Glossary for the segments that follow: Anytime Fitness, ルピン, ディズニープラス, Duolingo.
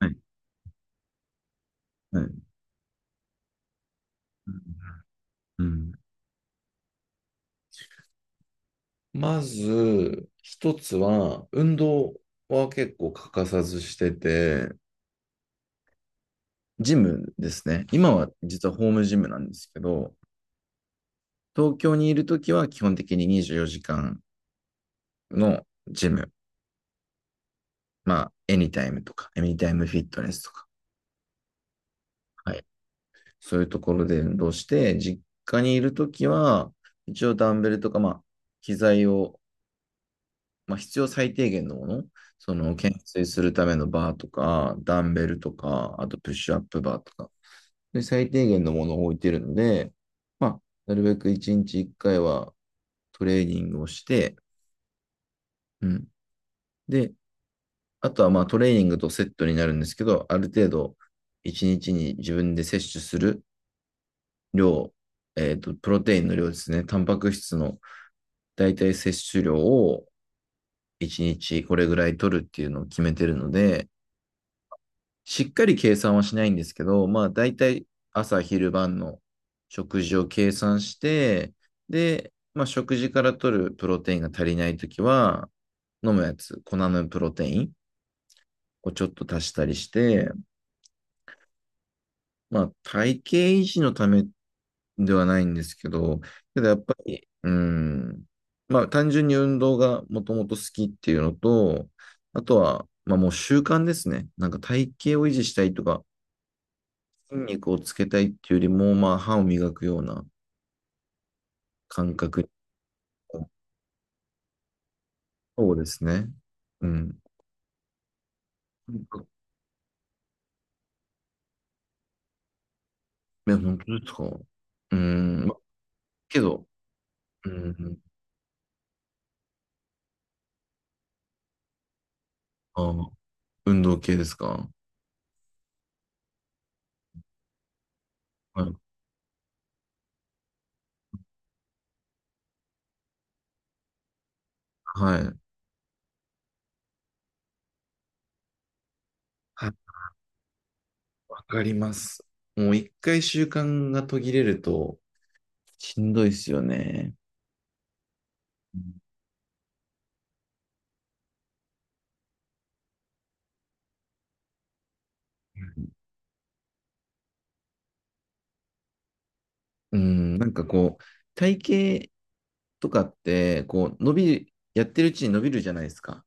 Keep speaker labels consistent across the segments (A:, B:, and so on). A: はい、はい。うん。まず、一つは、運動は結構欠かさずしてて、ジムですね。今は実はホームジムなんですけど、東京にいるときは基本的に24時間のジム、まあ、エニタイムとか、エニタイムフィットネスとか、はい。そういうところで運動して、実家にいるときは、一応ダンベルとか、まあ、機材をまあ、必要最低限のもの、その懸垂するためのバーとか、ダンベルとか、あとプッシュアップバーとか、で最低限のものを置いてるので、まあ、なるべく1日1回はトレーニングをして、うん。で、あとはまあトレーニングとセットになるんですけど、ある程度1日にちに自分で摂取する量、プロテインの量ですね、タンパク質の大体摂取量を1日これぐらい取るっていうのを決めてるので、しっかり計算はしないんですけど、まあ大体朝昼晩の食事を計算して、で、まあ食事から取るプロテインが足りないときは、飲むやつ、粉のプロテインをちょっと足したりして、まあ体型維持のためではないんですけど、けどやっぱり、うん、まあ単純に運動がもともと好きっていうのと、あとは、まあもう習慣ですね。なんか体型を維持したいとか、筋肉をつけたいっていうよりも、まあ、歯を磨くような感覚。そうですね。うん。え、本当ですか？うーん。ま、けど、うん。あ、運動系ですか？はい。はい。はい、わかります。もう一回習慣が途切れると、しんどいですよね。うん。うん。なんかこう、体型とかって、こう、やってるうちに伸びるじゃないですか。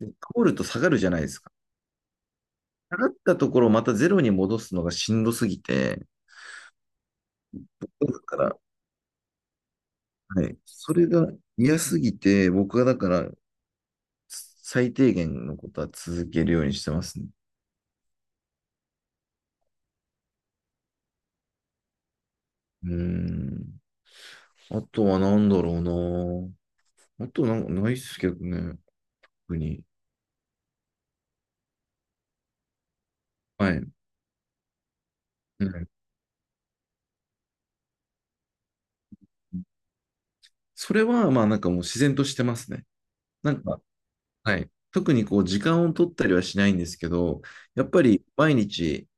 A: で、通ると下がるじゃないですか。下がったところをまたゼロに戻すのがしんどすぎて、だから、はい、それが嫌すぎて、僕はだから、最低限のことは続けるようにしてますね。うーん。あとは何だろうな。あとなんかないっすけどね、特に。はい。うん。それは、まあなんかもう自然としてますね。なんか、はい。特にこう、時間を取ったりはしないんですけど、やっぱり毎日、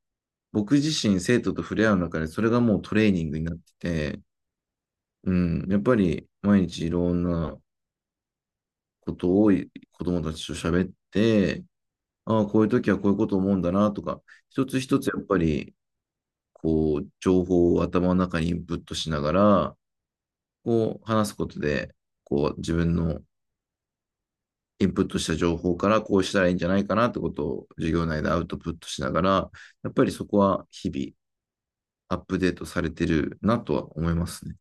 A: 僕自身生徒と触れ合う中で、それがもうトレーニングになってて、うん、やっぱり毎日いろんなことを子供たちと喋って、ああ、こういう時はこういうこと思うんだなとか、一つ一つやっぱり、こう、情報を頭の中にインプットしながら、こう、話すことで、こう、自分のインプットした情報からこうしたらいいんじゃないかなってことを授業内でアウトプットしながら、やっぱりそこは日々アップデートされてるなとは思いますね。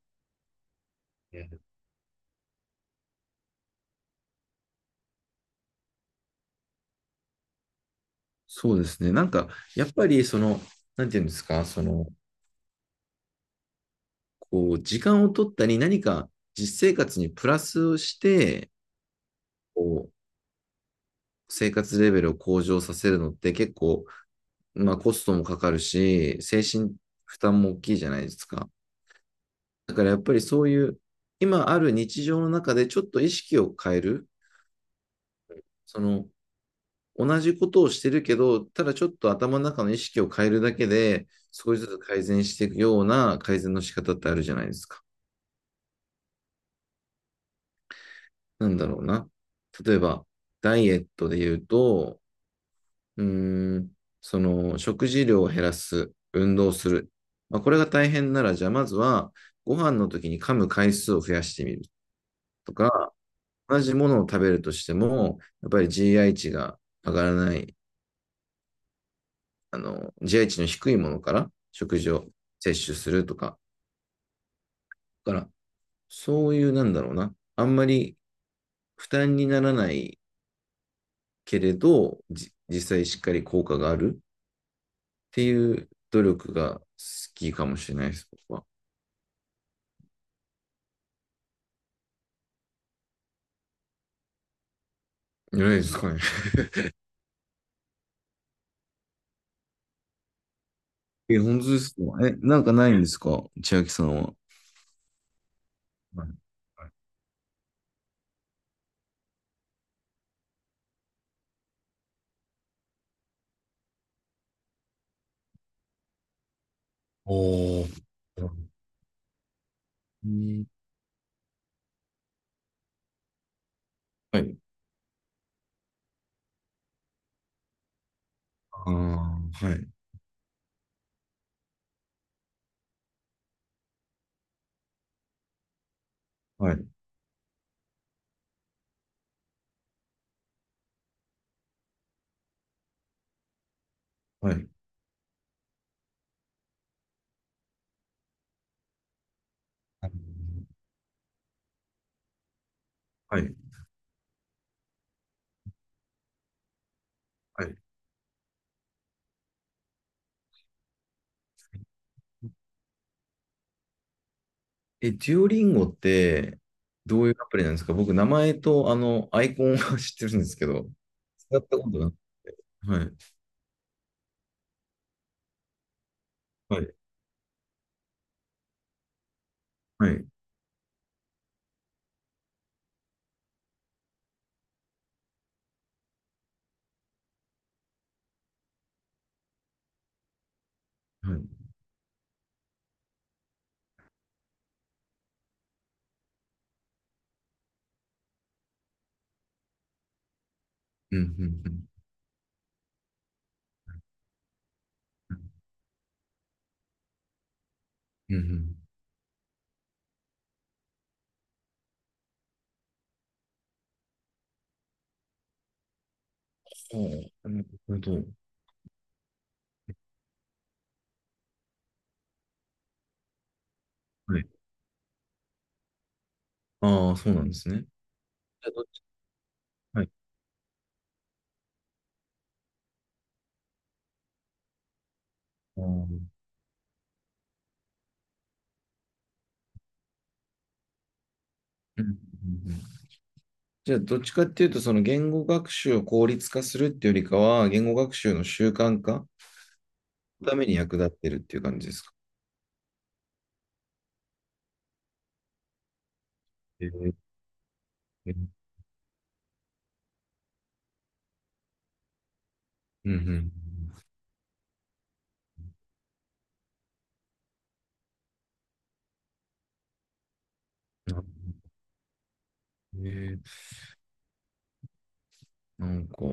A: うん。そうですね。なんか、やっぱり、その、なんていうんですか、その、こう、時間を取ったり、何か実生活にプラスをして、こう、生活レベルを向上させるのって結構、まあコストもかかるし、精神負担も大きいじゃないですか。だからやっぱりそういう、今ある日常の中でちょっと意識を変える、その、同じことをしてるけど、ただちょっと頭の中の意識を変えるだけで、少しずつ改善していくような改善の仕方ってあるじゃないですか。なんだろうな。例えば、ダイエットで言うと、うーん、その食事量を減らす、運動する。まあ、これが大変なら、じゃあまずはご飯の時に噛む回数を増やしてみるとか、同じものを食べるとしても、やっぱり GI 値が上がらない、GI 値の低いものから食事を摂取するとか、だからそういうなんだろうな、あんまり負担にならないけれど、実際しっかり効果があるっていう努力が好きかもしれないです、僕は。じゃないですかね。え、本当ですか？え、なんかないんですか、千秋さんは？はい。おー。うん。はい。ああ、はい。はい。はい。はい。はい。え、デュオリンゴって、どういうアプリなんですか？僕、名前と、アイコンは 知ってるんですけど、使ったことがない。はい。はい。はい。はい。うん、うん、うん。うん、うん。そう。なるほど。はい。ああ、そうなんですね。じゃあ、どっち。はい。ああ、うん、うん、うん。じゃあ、どっちかっていうと、その言語学習を効率化するっていうよりかは、言語学習の習慣化のために役立ってるっていう感じですか？えー、うん、うん、うん。なえーなんか、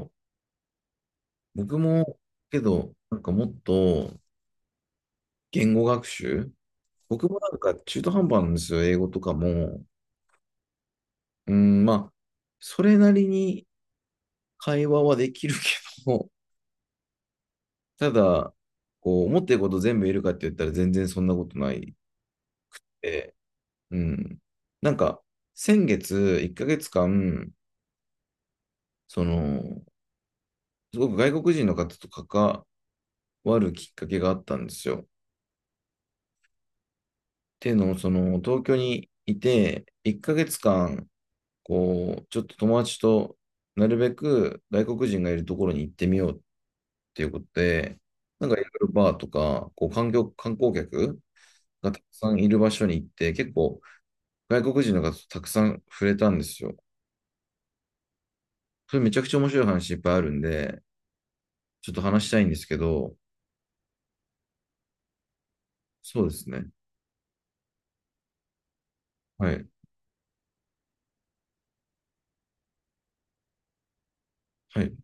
A: 僕も、けど、なんかもっと言語学習、僕もなんか中途半端なんですよ、英語とかも。うん、まあ、それなりに会話はできるけど、ただ、こう、思ってること全部言えるかって言ったら全然そんなことない。うん。なんか、先月、1ヶ月間、その、すごく外国人の方と関わるきっかけがあったんですよ。っていうのも、その、東京にいて、1ヶ月間、こう、ちょっと友達となるべく外国人がいるところに行ってみようっていうことで、なんかいろいろバーとか、こう、観光客がたくさんいる場所に行って、結構外国人の方とたくさん触れたんですよ。それめちゃくちゃ面白い話いっぱいあるんで、ちょっと話したいんですけど、そうですね。はい。はい。